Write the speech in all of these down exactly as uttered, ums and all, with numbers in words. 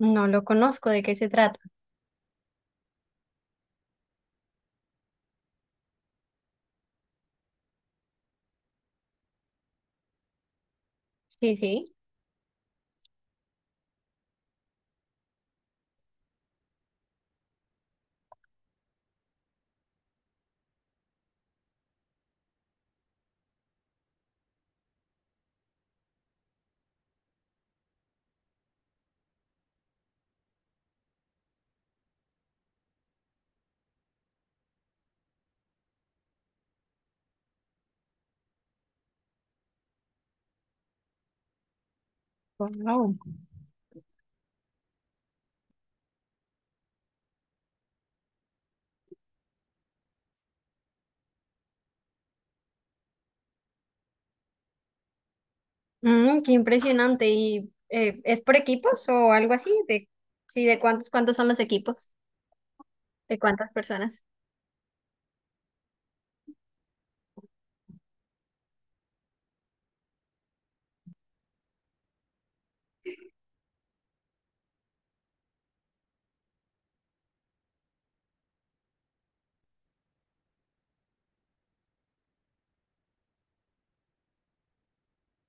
No lo conozco, ¿de qué se trata? Sí, sí. Wow. Mm, qué impresionante. ¿Y eh, es por equipos o algo así? De, sí, ¿de cuántos, cuántos son los equipos? ¿De cuántas personas?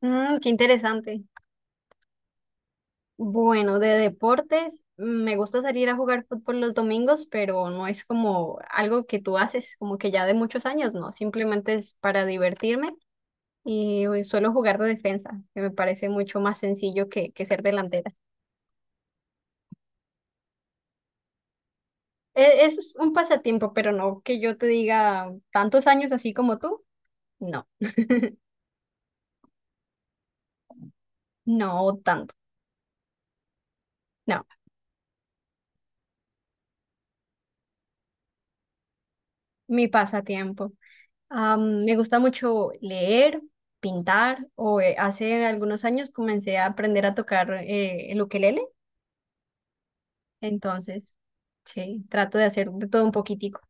Mm, qué interesante. Bueno, de deportes, mm, me gusta salir a jugar fútbol los domingos, pero no es como algo que tú haces, como que ya de muchos años, no, simplemente es para divertirme y eh, suelo jugar de defensa, que me parece mucho más sencillo que, que ser delantera. E- Eso es un pasatiempo, pero no que yo te diga tantos años así como tú. No, no tanto. No, mi pasatiempo. Am, me gusta mucho leer, pintar, o eh, hace algunos años comencé a aprender a tocar eh, el ukelele. Entonces, sí, trato de hacer de todo un poquitico.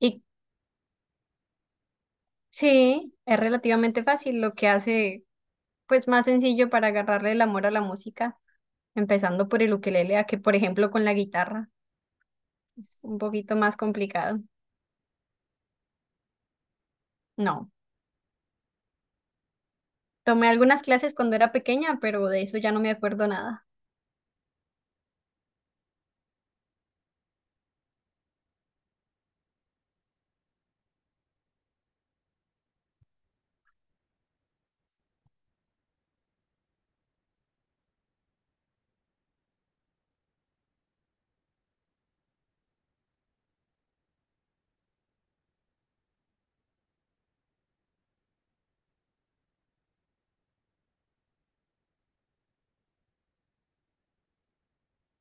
Y sí, es relativamente fácil, lo que hace pues más sencillo para agarrarle el amor a la música, empezando por el ukelele, a que por ejemplo con la guitarra. Es un poquito más complicado. No. Tomé algunas clases cuando era pequeña, pero de eso ya no me acuerdo nada.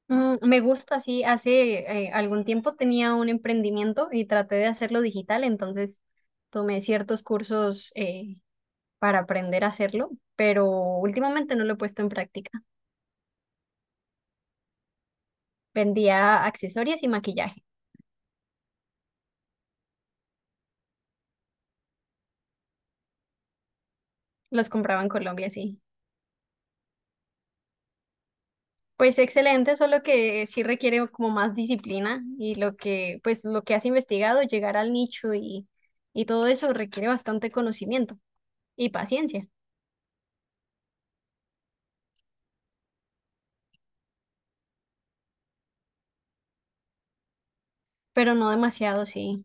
Mm, me gusta, sí. Hace eh, algún tiempo tenía un emprendimiento y traté de hacerlo digital, entonces tomé ciertos cursos eh, para aprender a hacerlo, pero últimamente no lo he puesto en práctica. Vendía accesorios y maquillaje. Los compraba en Colombia, sí. Pues excelente, solo que sí requiere como más disciplina y lo que, pues lo que has investigado, llegar al nicho y, y todo eso requiere bastante conocimiento y paciencia, pero no demasiado, sí.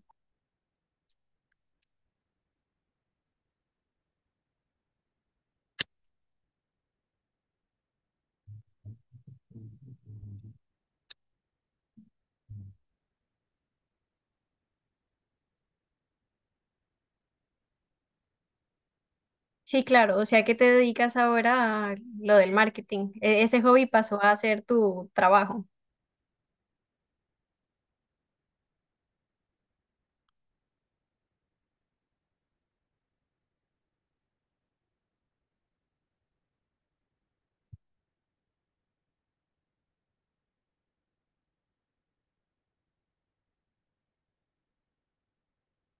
Sí, claro, o sea que te dedicas ahora a lo del marketing. E- ese hobby pasó a ser tu trabajo.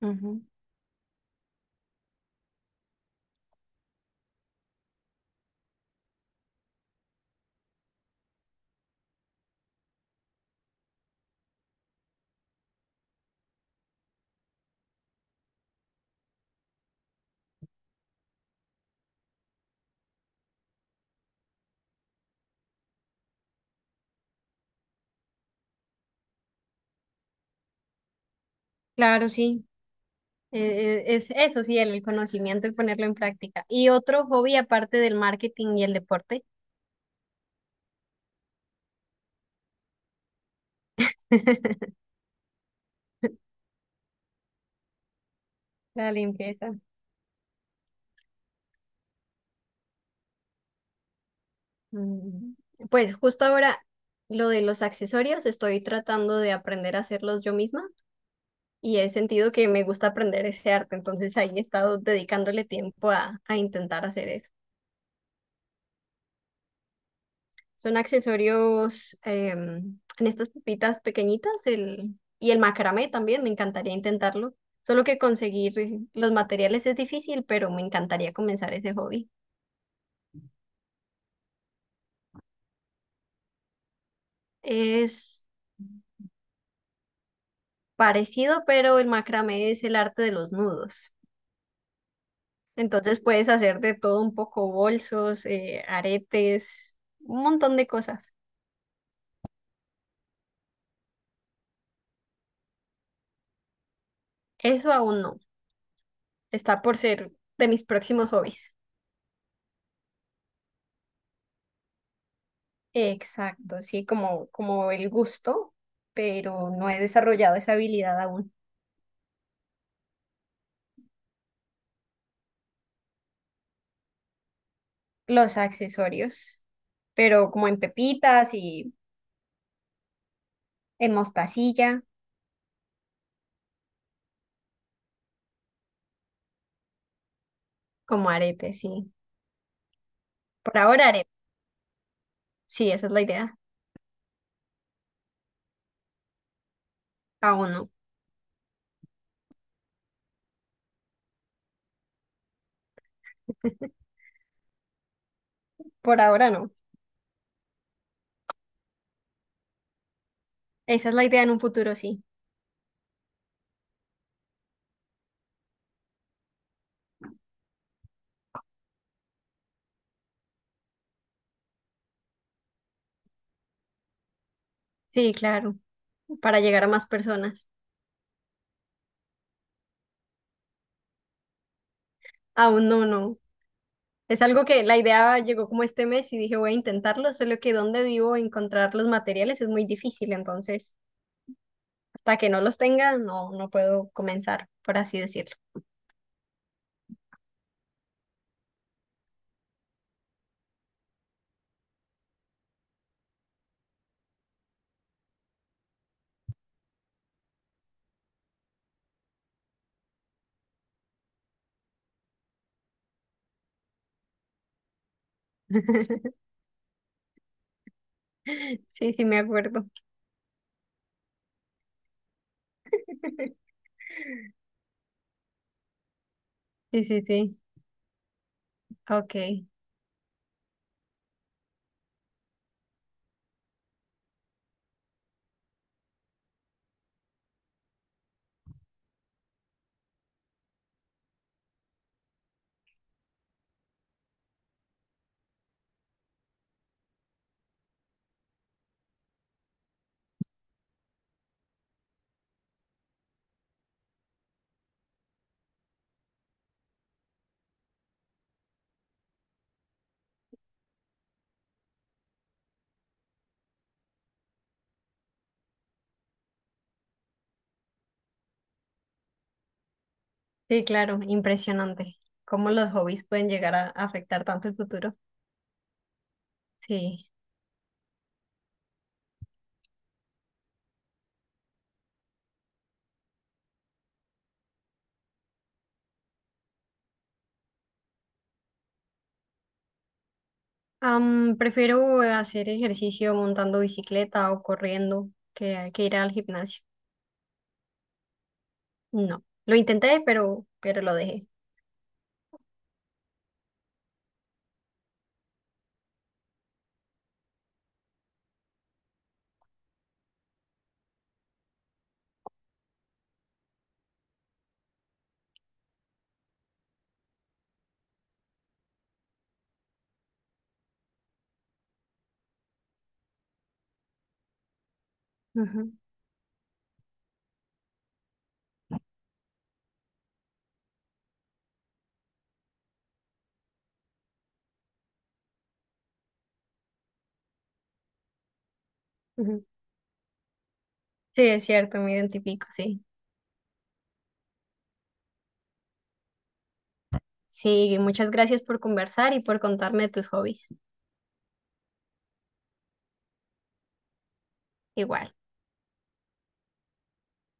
Ujú. Claro, sí. E- e- es eso, sí, el conocimiento y ponerlo en práctica. ¿Y otro hobby aparte del marketing y el deporte? La limpieza. Mm, pues justo ahora lo de los accesorios, estoy tratando de aprender a hacerlos yo misma y he sentido que me gusta aprender ese arte, entonces ahí he estado dedicándole tiempo a, a intentar hacer eso. Son accesorios em, en estas pepitas pequeñitas el, y el macramé también, me encantaría intentarlo, solo que conseguir eh, los materiales es difícil, pero me encantaría comenzar ese hobby. Es parecido, pero el macramé es el arte de los nudos. Entonces puedes hacer de todo un poco, bolsos, eh, aretes, un montón de cosas. Eso aún no. Está por ser de mis próximos hobbies. Exacto, sí, como, como el gusto, pero no he desarrollado esa habilidad aún. Los accesorios, pero como en pepitas y en mostacilla, como aretes, sí. Por ahora aretes, sí, esa es la idea. Aún no. Por ahora no. Esa es la idea en un futuro, sí. Sí, claro, para llegar a más personas. Aún no, no. Es algo que la idea llegó como este mes y dije voy a intentarlo, solo que donde vivo encontrar los materiales es muy difícil, entonces hasta que no los tenga no, no puedo comenzar, por así decirlo. Sí, sí, me acuerdo. Sí, sí, sí. Ok. Sí, claro, impresionante. Cómo los hobbies pueden llegar a afectar tanto el futuro. Sí. Am, prefiero hacer ejercicio montando bicicleta o corriendo que, que ir al gimnasio. No, lo intenté, pero, pero lo dejé. Ujú, ujú. Sí, es cierto, me identifico, sí. Sí, muchas gracias por conversar y por contarme de tus hobbies. Igual.